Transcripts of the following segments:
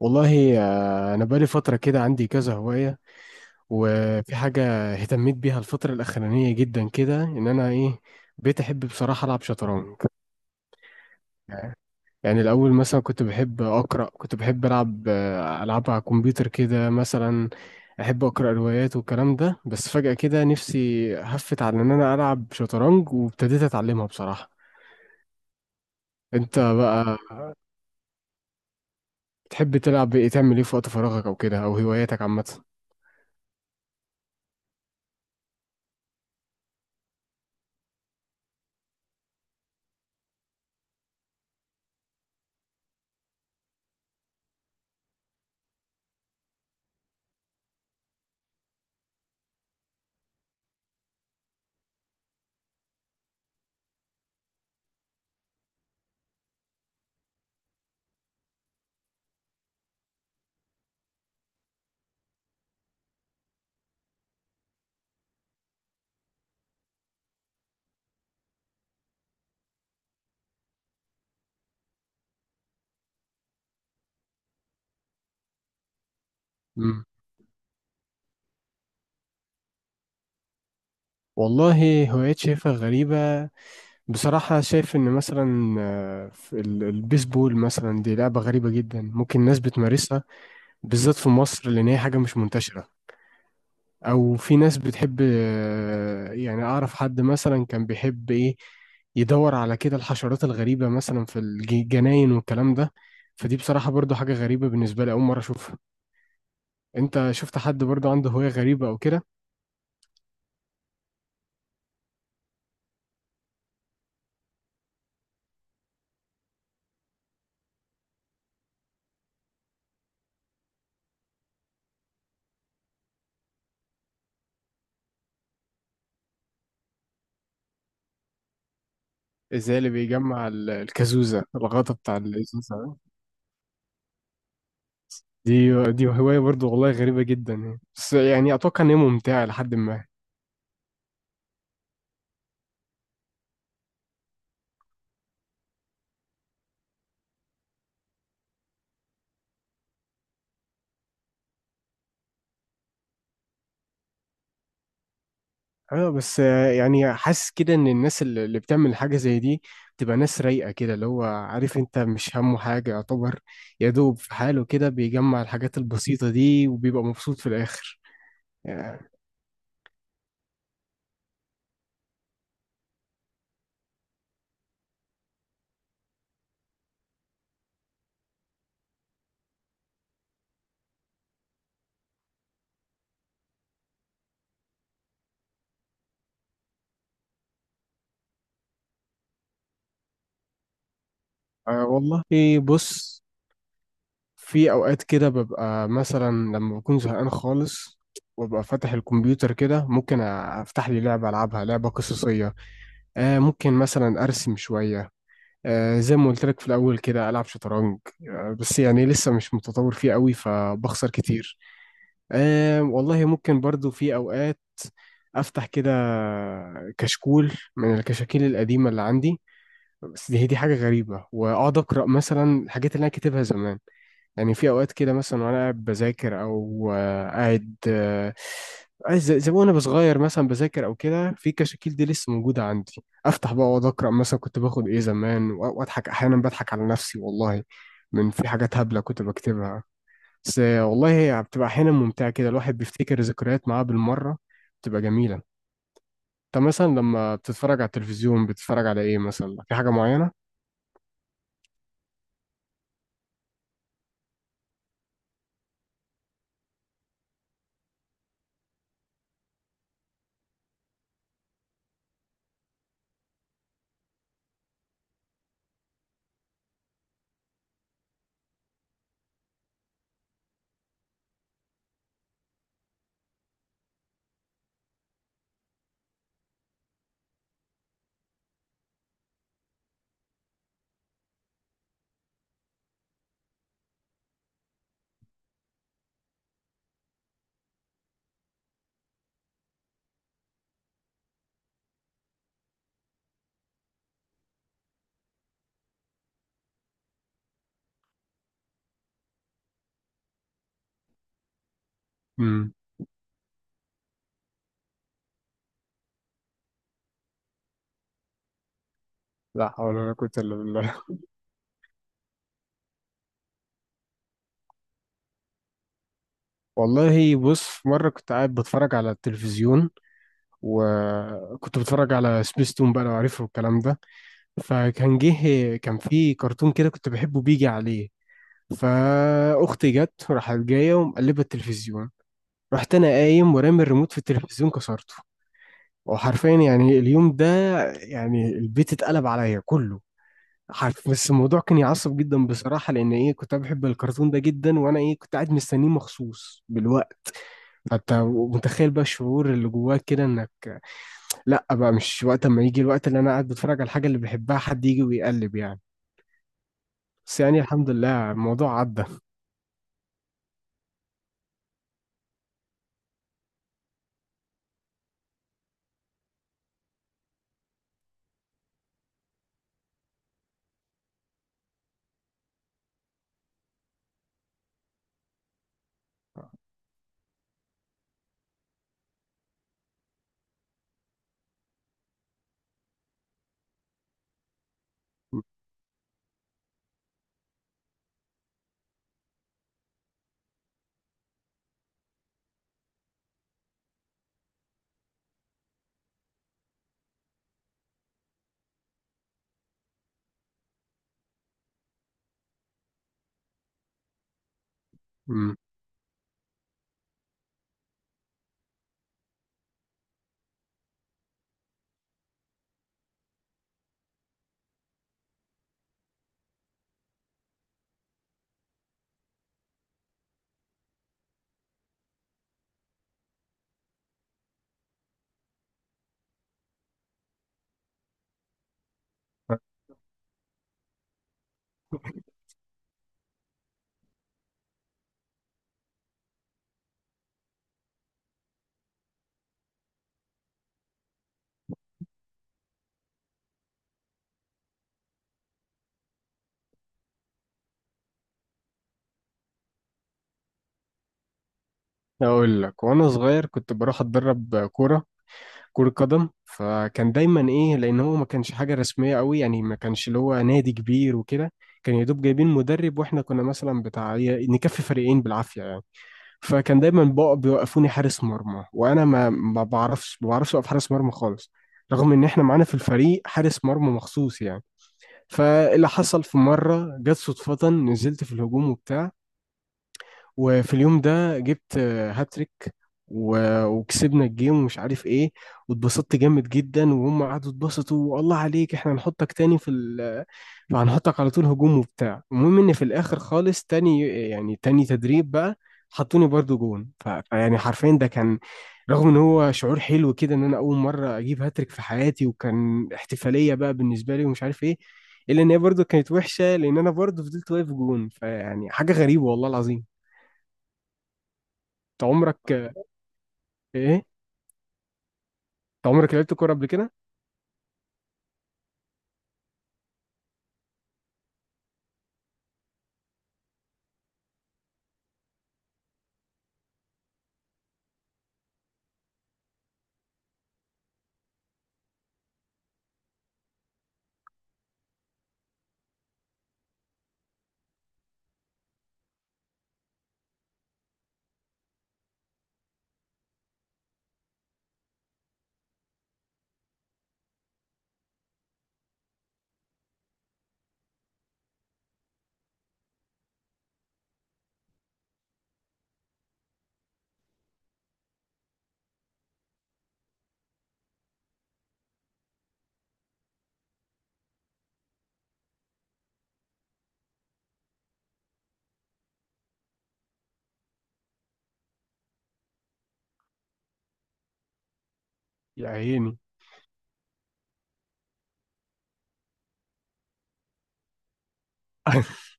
والله، أنا بقالي فترة كده عندي كذا هواية. وفي حاجة اهتميت بيها الفترة الأخرانية جدا كده، إن أنا إيه بقيت أحب بصراحة ألعب شطرنج. يعني الأول مثلا كنت بحب أقرأ، كنت بحب ألعب ألعاب على الكمبيوتر كده مثلا، أحب أقرأ روايات والكلام ده. بس فجأة كده نفسي هفت على إن أنا ألعب شطرنج، وابتديت أتعلمها بصراحة. أنت بقى بتحب تلعب إيه، تعمل إيه في وقت فراغك أو كده، أو هواياتك عامة؟ مم. والله هوايات شايفها غريبة بصراحة. شايف إن مثلا البيسبول مثلا دي لعبة غريبة جدا، ممكن ناس بتمارسها، بالذات في مصر لأن هي حاجة مش منتشرة. أو في ناس بتحب يعني، أعرف حد مثلا كان بيحب إيه يدور على كده الحشرات الغريبة مثلا في الجناين والكلام ده. فدي بصراحة برضو حاجة غريبة بالنسبة لي، أول مرة أشوفها. أنت شفت حد برضو عنده هواية غريبة أو كده؟ زي اللي بيجمع الكازوزة، الغطا بتاع الإزازة. دي هواية برضو والله غريبة جدا يعني. بس يعني أتوقع إن هي ممتعة لحد ما. أه بس يعني حاسس كده إن الناس اللي بتعمل حاجة زي دي بتبقى ناس رايقة كده، اللي هو عارف، أنت مش همه حاجة يعتبر، يا دوب في حاله كده بيجمع الحاجات البسيطة دي وبيبقى مبسوط في الآخر، يعني. أه والله إيه بص، في أوقات كده ببقى مثلا لما بكون زهقان خالص، وابقى فاتح الكمبيوتر كده، ممكن افتح لي لعبه العبها، لعبه قصصيه. ممكن مثلا ارسم شويه. زي ما قلت لك في الأول كده ألعب شطرنج، بس يعني لسه مش متطور فيه قوي فبخسر كتير. أه والله ممكن برضو في أوقات أفتح كده كشكول من الكشاكيل القديمة اللي عندي، بس دي هي دي حاجة غريبة، وأقعد أقرأ مثلا الحاجات اللي أنا كاتبها زمان. يعني في اوقات كده مثلا وانا قاعد بذاكر او قاعد عايز زي ما وانا صغير مثلا بذاكر او كده، في كشاكيل دي لسه موجوده عندي، افتح بقى واقعد اقرا مثلا كنت باخد ايه زمان، واضحك احيانا، بضحك على نفسي والله من في حاجات هبله كنت بكتبها. بس والله هي بتبقى احيانا ممتعه كده، الواحد بيفتكر ذكريات معاه بالمره، بتبقى جميله. انت مثلا لما بتتفرج على التلفزيون، بتتفرج على ايه مثلا؟ في حاجه معينه؟ امم. لا حول ولا قوه الا بالله. والله بص، مرة كنت قاعد بتفرج على التلفزيون، وكنت بتفرج على سبيستون بقى لو عارفه الكلام ده. فكان جه كان في كرتون كده كنت بحبه بيجي عليه، فأختي جت راحت جاية ومقلبة التلفزيون، رحت أنا قايم ورامي الريموت في التلفزيون، كسرته. وحرفيا يعني اليوم ده، يعني البيت اتقلب عليا كله. بس الموضوع كان يعصب جدا بصراحة، لأن إيه كنت أنا بحب الكرتون ده جدا، وأنا إيه كنت قاعد مستنيه مخصوص بالوقت. انت متخيل بقى الشعور اللي جواك كده، انك، لا بقى مش وقت، اما يجي الوقت اللي انا قاعد بتفرج على الحاجه اللي بحبها حد يجي ويقلب، يعني. بس يعني الحمد لله الموضوع عدى. امم. اقول لك، وانا صغير كنت بروح اتدرب كوره، كره قدم. فكان دايما ايه، لان هو ما كانش حاجه رسميه قوي يعني، ما كانش اللي هو نادي كبير وكده، كان يا دوب جايبين مدرب، واحنا كنا مثلا بتاع نكفي فريقين بالعافيه يعني. فكان دايما بقى بيوقفوني حارس مرمى، وانا ما بعرفش اوقف حارس مرمى خالص، رغم ان احنا معانا في الفريق حارس مرمى مخصوص يعني. فاللي حصل، في مره جت صدفه نزلت في الهجوم وبتاع، وفي اليوم ده جبت هاتريك وكسبنا الجيم، ومش عارف ايه، واتبسطت جامد جدا، وهم قعدوا اتبسطوا، والله عليك احنا هنحطك تاني في ال هنحطك على طول هجوم وبتاع. المهم ان في الاخر خالص تاني، يعني تاني تدريب بقى، حطوني برضو جون، فيعني حرفيا ده كان، رغم ان هو شعور حلو كده ان انا اول مره اجيب هاتريك في حياتي، وكان احتفاليه بقى بالنسبه لي ومش عارف ايه، الا ان هي برضو كانت وحشه لان انا برضو فضلت واقف جون، فيعني حاجه غريبه والله العظيم. انت عمرك انت عمرك لعبت كوره قبل كده؟ يا عيني.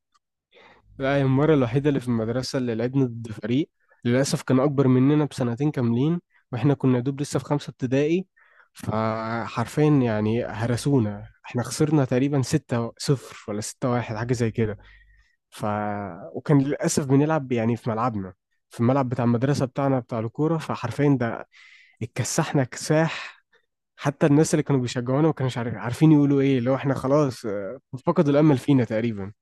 لا، هي المره الوحيده اللي في المدرسه اللي لعبنا ضد فريق، للاسف كان اكبر مننا بسنتين كاملين، واحنا كنا دوب لسه في خمسه ابتدائي. فحرفيا يعني هرسونا، احنا خسرنا تقريبا 6-0 ولا 6-1، حاجه زي كده. ف وكان للاسف بنلعب يعني في ملعبنا، في الملعب بتاع المدرسه بتاعنا بتاع الكوره، فحرفيا ده اتكسحنا كساح. حتى الناس اللي كانوا بيشجعونا ما كانوش عارفين يقولوا ايه، اللي هو احنا خلاص فقدوا الامل فينا تقريبا.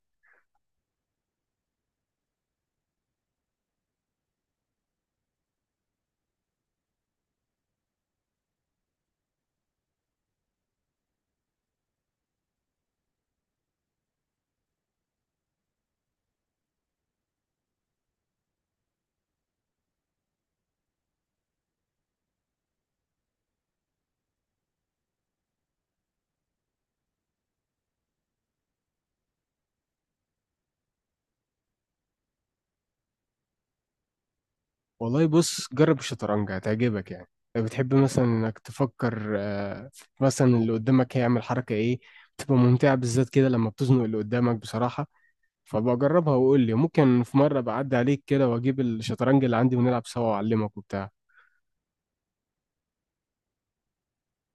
والله بص، جرب الشطرنج هتعجبك يعني، لو بتحب مثلا انك تفكر مثلا اللي قدامك هيعمل حركة ايه، بتبقى ممتعة بالذات كده لما بتزنق اللي قدامك بصراحة. فبقى جربها وقول لي، ممكن في مرة بعدي عليك كده واجيب الشطرنج اللي عندي ونلعب سوا، واعلمك وبتاع.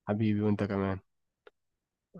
حبيبي، وانت كمان.